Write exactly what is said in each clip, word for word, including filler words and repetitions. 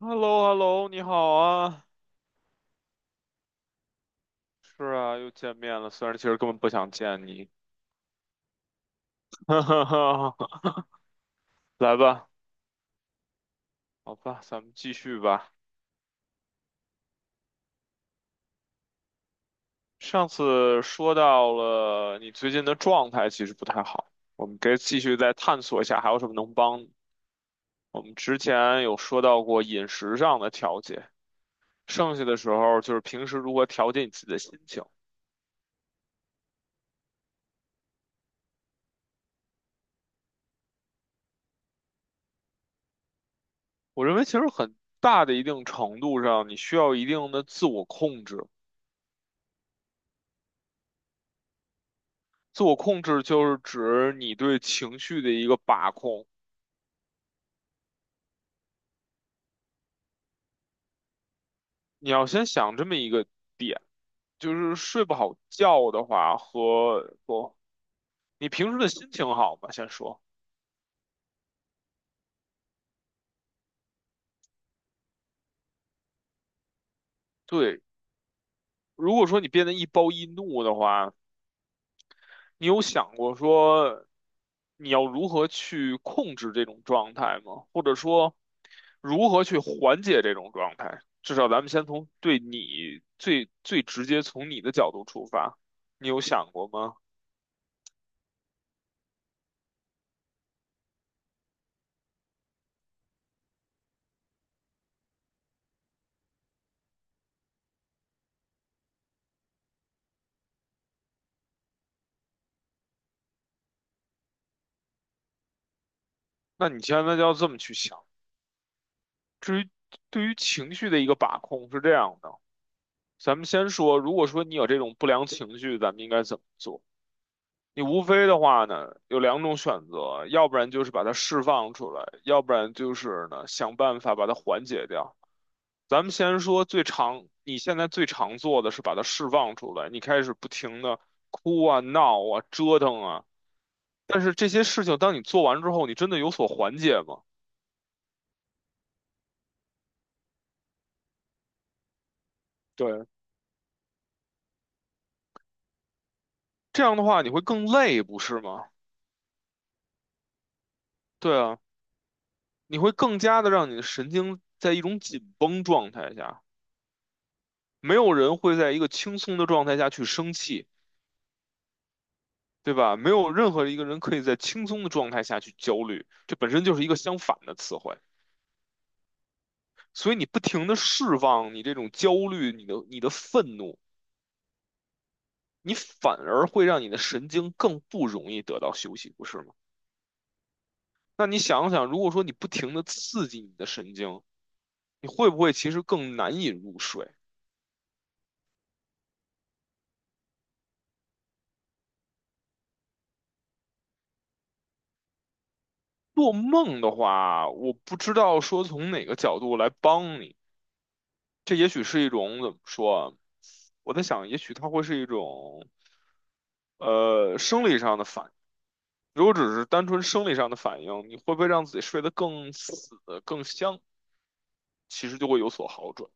h e l l o h e l l o 你好啊！是啊，又见面了，虽然其实根本不想见你。哈哈哈，来吧，好吧，咱们继续吧。上次说到了你最近的状态其实不太好，我们可以继续再探索一下还有什么能帮你我们之前有说到过饮食上的调节，剩下的时候就是平时如何调节你自己的心情。我认为其实很大的一定程度上，你需要一定的自我控制。自我控制就是指你对情绪的一个把控。你要先想这么一个点，就是睡不好觉的话和不，你平时的心情好吗？先说，对，如果说你变得易暴易怒的话，你有想过说你要如何去控制这种状态吗？或者说如何去缓解这种状态？至少咱们先从对你最最直接从你的角度出发，你有想过吗？那你千万要这么去想，对于情绪的一个把控是这样的。咱们先说，如果说你有这种不良情绪，咱们应该怎么做？你无非的话呢，有两种选择，要不然就是把它释放出来，要不然就是呢，想办法把它缓解掉。咱们先说最常，你现在最常做的是把它释放出来，你开始不停的哭啊、闹啊、折腾啊，但是这些事情当你做完之后，你真的有所缓解吗？对，这样的话你会更累，不是吗？对啊，你会更加的让你的神经在一种紧绷状态下，没有人会在一个轻松的状态下去生气，对吧？没有任何一个人可以在轻松的状态下去焦虑，这本身就是一个相反的词汇。所以你不停的释放你这种焦虑，你的你的愤怒，你反而会让你的神经更不容易得到休息，不是吗？那你想想，如果说你不停的刺激你的神经，你会不会其实更难以入睡？做梦的话，我不知道说从哪个角度来帮你。这也许是一种怎么说啊？我在想，也许它会是一种呃生理上的反应。如果只是单纯生理上的反应，你会不会让自己睡得更死、更香？其实就会有所好转。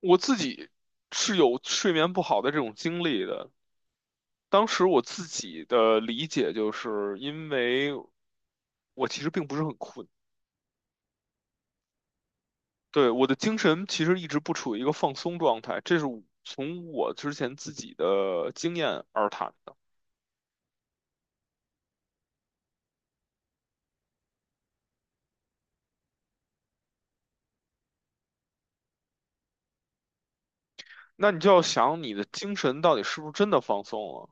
我自己是有睡眠不好的这种经历的。当时我自己的理解就是因为我其实并不是很困。对，我的精神其实一直不处于一个放松状态，这是我从我之前自己的经验而谈的。那你就要想你的精神到底是不是真的放松了？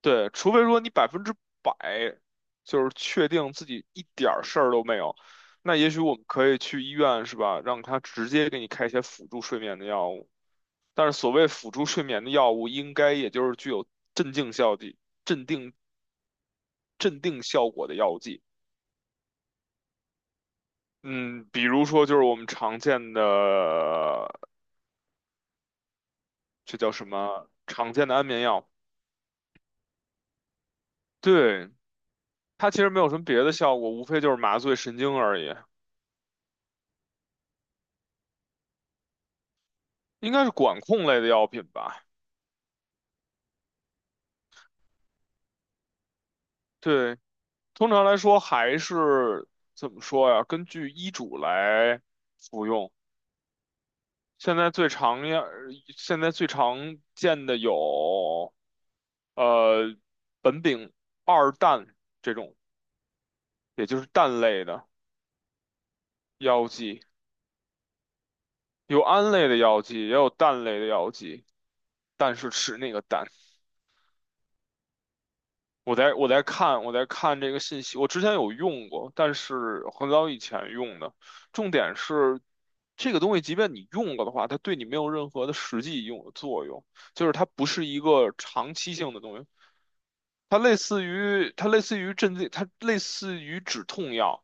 对，除非说你百分之百就是确定自己一点儿事儿都没有，那也许我们可以去医院，是吧？让他直接给你开一些辅助睡眠的药物。但是所谓辅助睡眠的药物，应该也就是具有镇静效剂、镇定、镇定效果的药剂。嗯，比如说就是我们常见的，这叫什么？常见的安眠药，对，它其实没有什么别的效果，无非就是麻醉神经而已，应该是管控类的药品吧？对，通常来说还是怎么说呀？根据医嘱来服用。现在最常见，现在最常见的有，呃，苯丙二氮这种，也就是氮类的药剂。有胺类的药剂，也有氮类的药剂，但是吃那个氮。我在我在看我在看这个信息，我之前有用过，但是很早以前用的。重点是这个东西，即便你用了的话，它对你没有任何的实际用的作用，就是它不是一个长期性的东西。它类似于它类似于镇静，它类似于止痛药。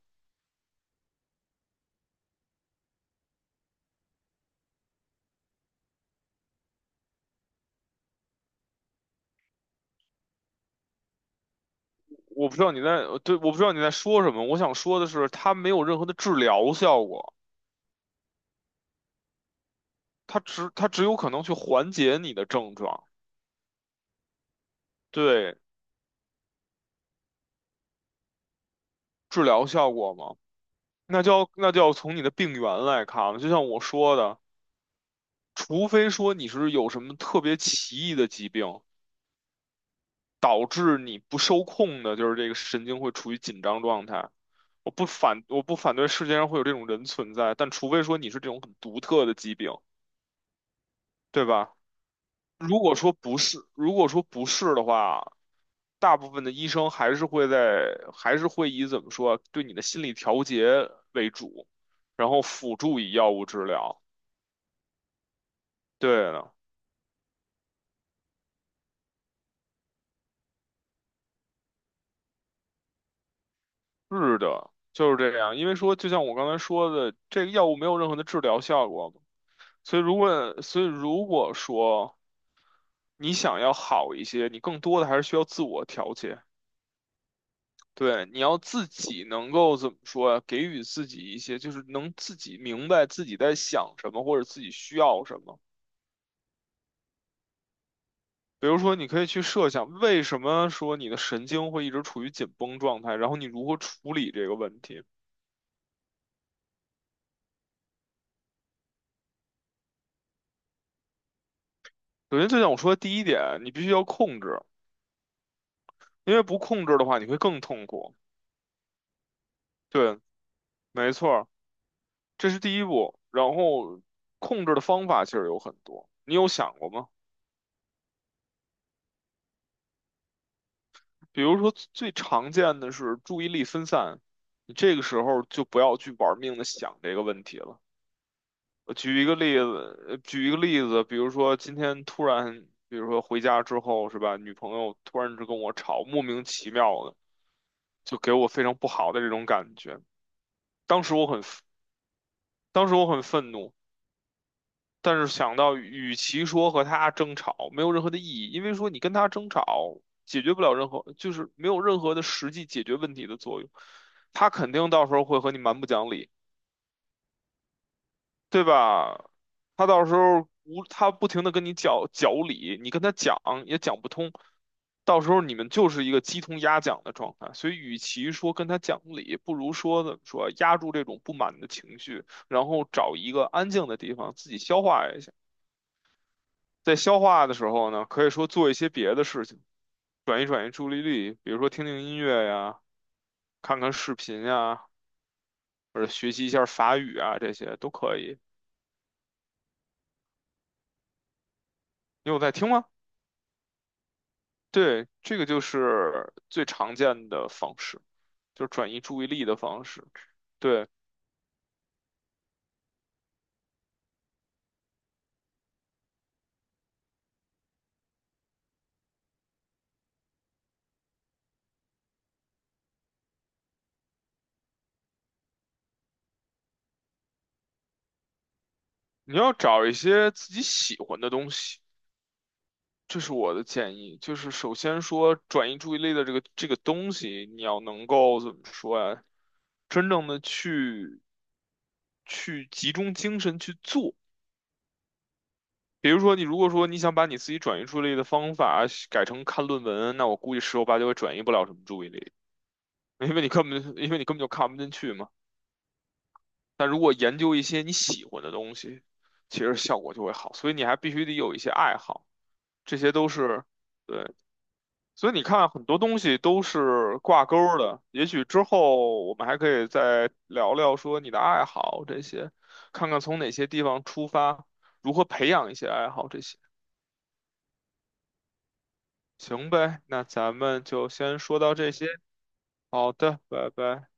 我不知道你在，对，我不知道你在说什么。我想说的是，它没有任何的治疗效果。它只它只有可能去缓解你的症状，对治疗效果嘛，那就要那就要从你的病源来看了。就像我说的，除非说你是有什么特别奇异的疾病，导致你不受控的，就是这个神经会处于紧张状态。我不反我不反对世界上会有这种人存在，但除非说你是这种很独特的疾病，对吧？如果说不是，如果说不是的话，大部分的医生还是会在，还是会以怎么说，对你的心理调节为主，然后辅助以药物治疗。对的，是的，就是这样。因为说，就像我刚才说的，这个药物没有任何的治疗效果嘛所以如果，所以如果说你想要好一些，你更多的还是需要自我调节。对，你要自己能够怎么说呀？给予自己一些，就是能自己明白自己在想什么，或者自己需要什么。比如说，你可以去设想，为什么说你的神经会一直处于紧绷状态，然后你如何处理这个问题。首先，就像我说的第一点，你必须要控制，因为不控制的话，你会更痛苦。对，没错儿，这是第一步。然后，控制的方法其实有很多，你有想过吗？比如说最常见的是注意力分散，你这个时候就不要去玩命的想这个问题了。我举一个例子，呃举一个例子，比如说今天突然，比如说回家之后是吧，女朋友突然就跟我吵，莫名其妙的，就给我非常不好的这种感觉。当时我很，当时我很愤怒，但是想到与其说和他争吵，没有任何的意义，因为说你跟他争吵解决不了任何，就是没有任何的实际解决问题的作用。他肯定到时候会和你蛮不讲理，对吧？他到时候无他不停的跟你讲讲理，你跟他讲也讲不通，到时候你们就是一个鸡同鸭讲的状态。所以，与其说跟他讲理，不如说怎么说，压住这种不满的情绪，然后找一个安静的地方自己消化一下。在消化的时候呢，可以说做一些别的事情，转移转移注意力，比如说听听音乐呀，看看视频呀，或者学习一下法语啊，这些都可以。你有在听吗？对，这个就是最常见的方式，就是转移注意力的方式。对，你要找一些自己喜欢的东西。这是我的建议，就是首先说转移注意力的这个这个东西，你要能够怎么说呀？真正的去去集中精神去做。比如说，你如果说你想把你自己转移注意力的方法改成看论文，那我估计十有八九也转移不了什么注意力，因为你根本因为你根本就看不进去嘛。但如果研究一些你喜欢的东西，其实效果就会好。所以你还必须得有一些爱好，这些都是对。所以你看，很多东西都是挂钩儿的。也许之后我们还可以再聊聊说你的爱好这些，看看从哪些地方出发，如何培养一些爱好这些。行呗，那咱们就先说到这些。好的，拜拜。